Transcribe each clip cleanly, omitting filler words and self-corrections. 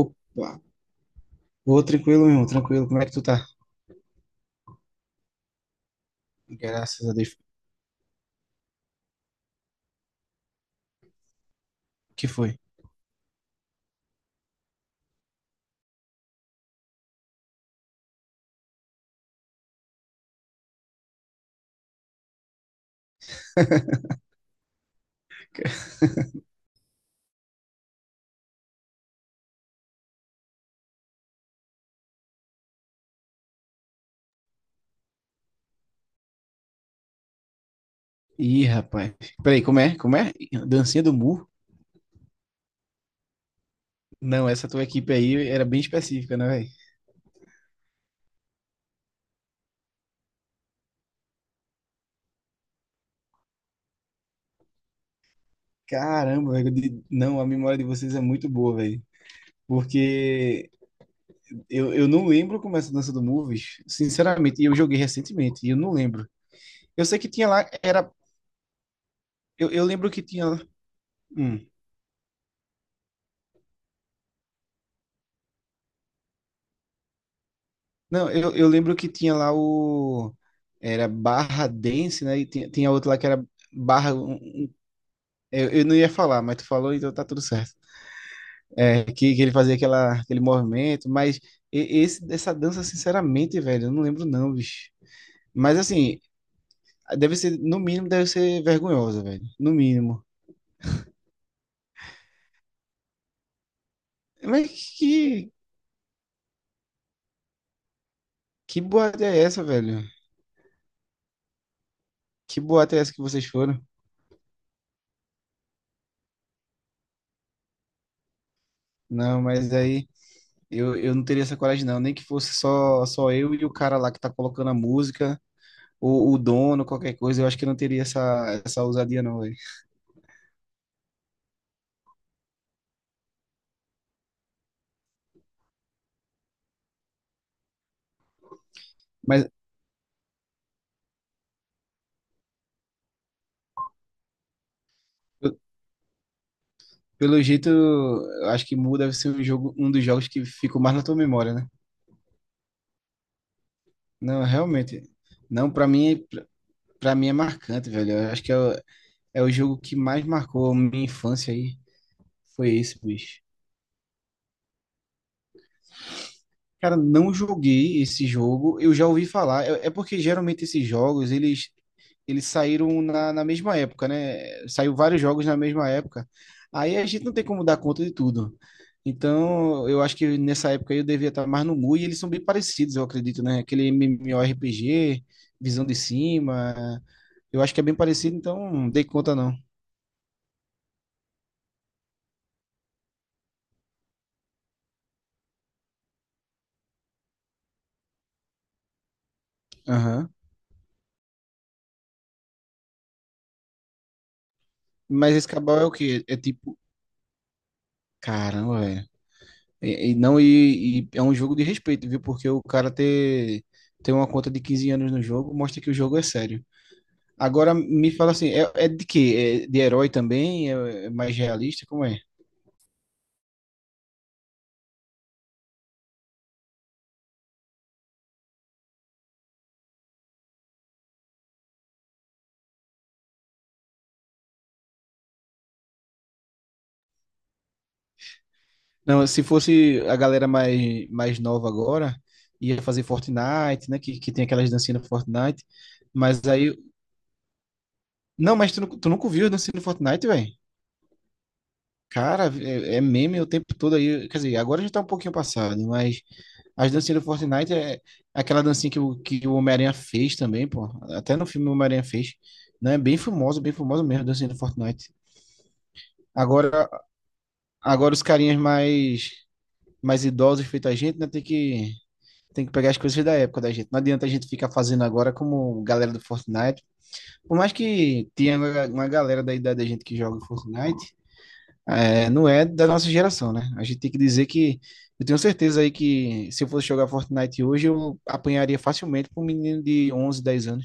Opa! Ô, tranquilo, meu tranquilo. Como é que tu tá? Graças a Deus. O que foi? Ih, rapaz. Peraí, como é? Como é? Dancinha do burro? Não, essa tua equipe aí era bem específica, né, velho? Caramba, velho. Não, a memória de vocês é muito boa, velho. Porque eu não lembro como é essa dança do Moves, sinceramente. E eu joguei recentemente e eu não lembro. Eu sei que tinha lá, era. Eu lembro que tinha lá. Hum. Não, eu lembro que tinha lá o. Era Barra Dance, né? E tinha outro lá que era Barra. Eu não ia falar, mas tu falou, então tá tudo certo. É, que ele fazia aquela, aquele movimento, mas essa dança, sinceramente, velho, eu não lembro não, bicho. Mas assim, deve ser, no mínimo, deve ser vergonhosa, velho. No mínimo. Mas que, que boate é essa, velho? Que boate é essa que vocês foram? Não, mas aí. Eu não teria essa coragem, não. Nem que fosse só eu e o cara lá que tá colocando a música, ou o dono, qualquer coisa. Eu acho que eu não teria essa ousadia, não, velho. Mas, eu- pelo jeito, eu acho que Mu deve ser um jogo, um dos jogos que ficou mais na tua memória, né? Não, realmente. Não, pra mim, pra mim é marcante, velho. Eu acho que é o jogo que mais marcou a minha infância aí. Foi esse, bicho. Cara, não joguei esse jogo, eu já ouvi falar. É porque geralmente esses jogos, eles saíram na mesma época, né? Saiu vários jogos na mesma época. Aí a gente não tem como dar conta de tudo. Então, eu acho que nessa época eu devia estar mais no mu e eles são bem parecidos, eu acredito, né? Aquele MMORPG, visão de cima. Eu acho que é bem parecido, então não dei conta não. Aham. Mas esse Cabal é o quê? É tipo, caramba, velho. E não, e é um jogo de respeito, viu? Porque o cara ter, ter uma conta de 15 anos no jogo mostra que o jogo é sério. Agora me fala assim, é de quê? É de herói também? É mais realista? Como é? Não, se fosse a galera mais nova agora, ia fazer Fortnite, né? Que tem aquelas dancinhas no Fortnite. Mas aí. Não, mas tu nunca viu a dancinha no Fortnite, velho? Cara, é meme o tempo todo aí. Quer dizer, agora já tá um pouquinho passado, mas as dancinhas do Fortnite é aquela dancinha que o Homem-Aranha fez também, pô. Até no filme o Homem-Aranha fez. Né? Bem famosa mesmo a dancinha do Fortnite. Agora, agora os carinhas mais idosos feito a gente, né? Tem que pegar as coisas da época da gente. Não adianta a gente ficar fazendo agora como galera do Fortnite. Por mais que tenha uma galera da idade da gente que joga Fortnite, é, não é da nossa geração, né? A gente tem que dizer que eu tenho certeza aí que se eu fosse jogar Fortnite hoje, eu apanharia facilmente para um menino de 11 10 anos.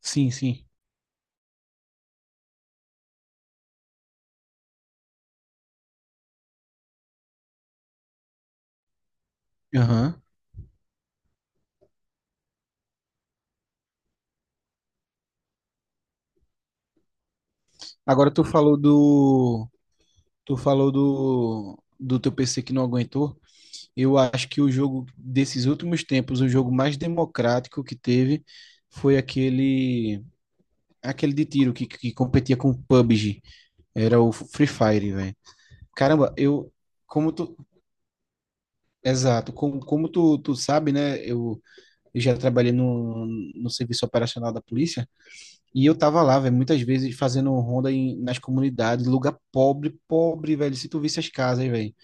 Sim, sim. Aham. Agora tu falou do teu PC que não aguentou. Eu acho que o jogo desses últimos tempos, o jogo mais democrático que teve foi aquele de tiro que competia com o PUBG. Era o Free Fire, velho. Caramba, eu como tu, exato. Como tu sabe, né? Eu já trabalhei no serviço operacional da polícia e eu tava lá, velho, muitas vezes fazendo ronda nas comunidades, lugar pobre, pobre, velho. Se tu visse as casas, velho.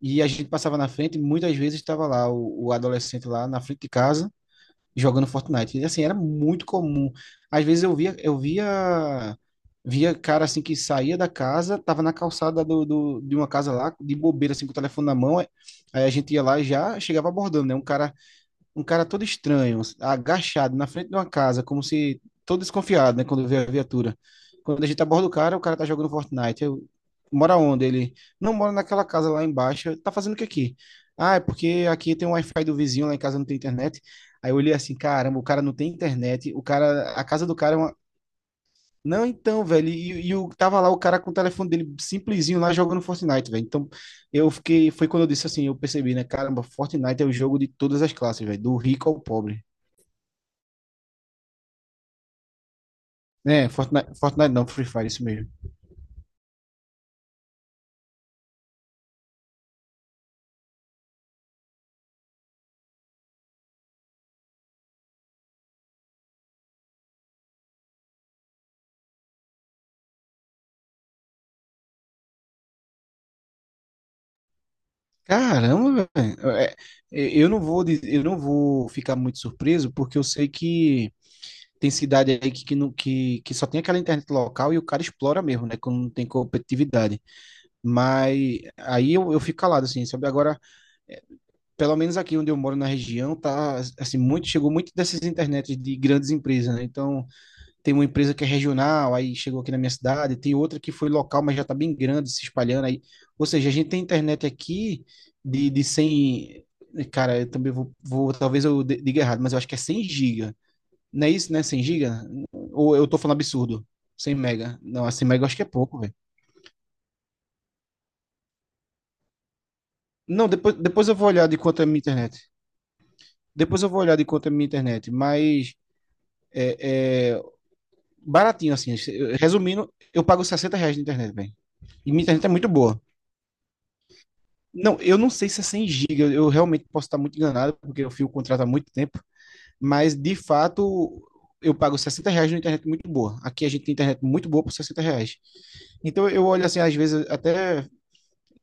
E a gente passava na frente, e muitas vezes tava lá o adolescente lá na frente de casa jogando Fortnite. E, assim, era muito comum. Às vezes eu via cara assim que saía da casa, tava na calçada de uma casa lá, de bobeira, assim, com o telefone na mão. Aí a gente ia lá e já chegava abordando, né? Um cara todo estranho, agachado na frente de uma casa, como se todo desconfiado, né, quando vê a viatura. Quando a gente aborda o cara tá jogando Fortnite. Eu, mora onde? Ele não mora naquela casa lá embaixo. Tá fazendo o que aqui? Ah, é porque aqui tem um Wi-Fi do vizinho, lá em casa não tem internet. Aí eu olhei assim, caramba, o cara não tem internet. O cara, a casa do cara é uma, não, então, velho, tava lá o cara com o telefone dele simplesinho lá jogando Fortnite, velho. Então, eu fiquei, foi quando eu disse assim, eu percebi, né, caramba, Fortnite é o jogo de todas as classes, velho, do rico ao pobre. É, Fortnite, Fortnite não, Free Fire, isso mesmo. Caramba, velho, eu não vou, eu não vou ficar muito surpreso, porque eu sei que tem cidade aí que, não- que só tem aquela internet local e o cara explora mesmo, né, quando não tem competitividade. Mas aí eu fico calado, assim, sabe? Agora, pelo menos aqui onde eu moro na região, tá assim, muito chegou muito dessas internets de grandes empresas, né? Então, tem uma empresa que é regional, aí chegou aqui na minha cidade, tem outra que foi local, mas já tá bem grande, se espalhando aí. Ou seja, a gente tem internet aqui de 100 cara, eu também vou talvez eu diga errado, mas eu acho que é 100 giga. Não é isso, né? 100 giga? Ou eu tô falando absurdo? 100 mega. Não, 100 mega eu acho que é pouco, velho. Não, depois eu vou olhar de quanto é a minha internet. Depois eu vou olhar de quanto é a minha internet, mas é, é, baratinho, assim. Resumindo, eu pago R$ 60 de internet, velho. E minha internet é muito boa. Não, eu não sei se é 100 GB, eu, realmente posso estar muito enganado, porque eu fui o contrato há muito tempo, mas de fato eu pago R$ 60 numa internet muito boa. Aqui a gente tem internet muito boa por R$ 60. Então eu olho assim, às vezes até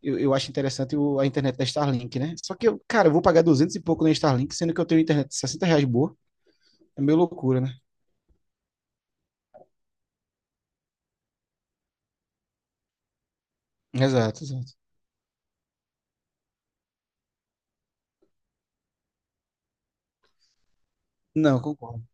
eu acho interessante a internet da Starlink, né? Só que, eu, cara, eu vou pagar 200 e pouco na Starlink, sendo que eu tenho internet de R$ 60 boa. É meio loucura, né? Exato, exato. Não, concordo.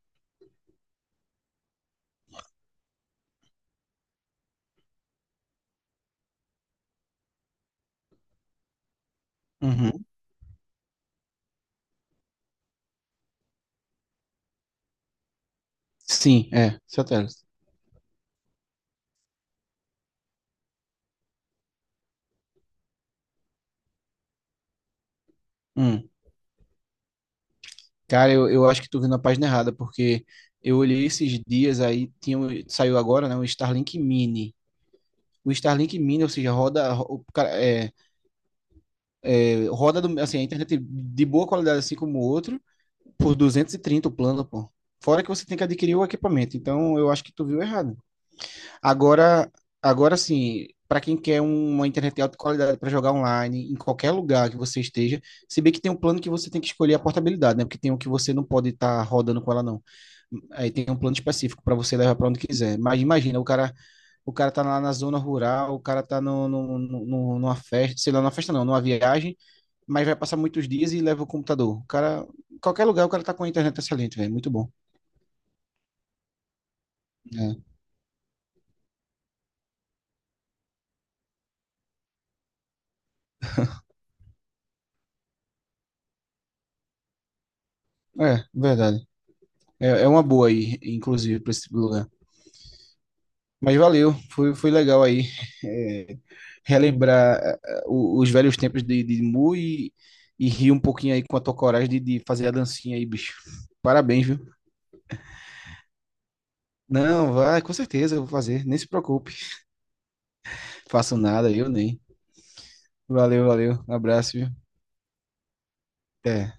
Uhum. Sim, é, satélite. Hum. Cara, eu acho que tu viu na página errada, porque eu olhei esses dias aí, tinha, saiu agora, né, o Starlink Mini. O Starlink Mini, ou seja, roda, ro- o cara- é, é, roda do- assim, a internet de boa qualidade, assim como o outro, por 230 o plano, pô. Fora que você tem que adquirir o equipamento, então eu acho que tu viu errado. Agora, agora sim, para quem quer um, uma internet de alta qualidade para jogar online, em qualquer lugar que você esteja, se bem que tem um plano que você tem que escolher a portabilidade, né? Porque tem um que você não pode estar rodando com ela, não. Aí tem um plano específico para você levar para onde quiser. Mas imagina, o cara tá lá na zona rural, o cara tá numa festa, sei lá, numa festa não, numa viagem, mas vai passar muitos dias e leva o computador. O cara, qualquer lugar, o cara tá com a internet excelente, velho. Muito bom. É, é verdade. É uma boa aí, inclusive, para esse lugar. Mas valeu, foi legal aí é, relembrar os velhos tempos de Mu e rir um pouquinho aí com a tua coragem de fazer a dancinha aí, bicho. Parabéns, viu? Não, vai, com certeza eu vou fazer. Nem se preocupe. Faço nada, eu nem. Valeu, valeu. Abraço, viu? Até.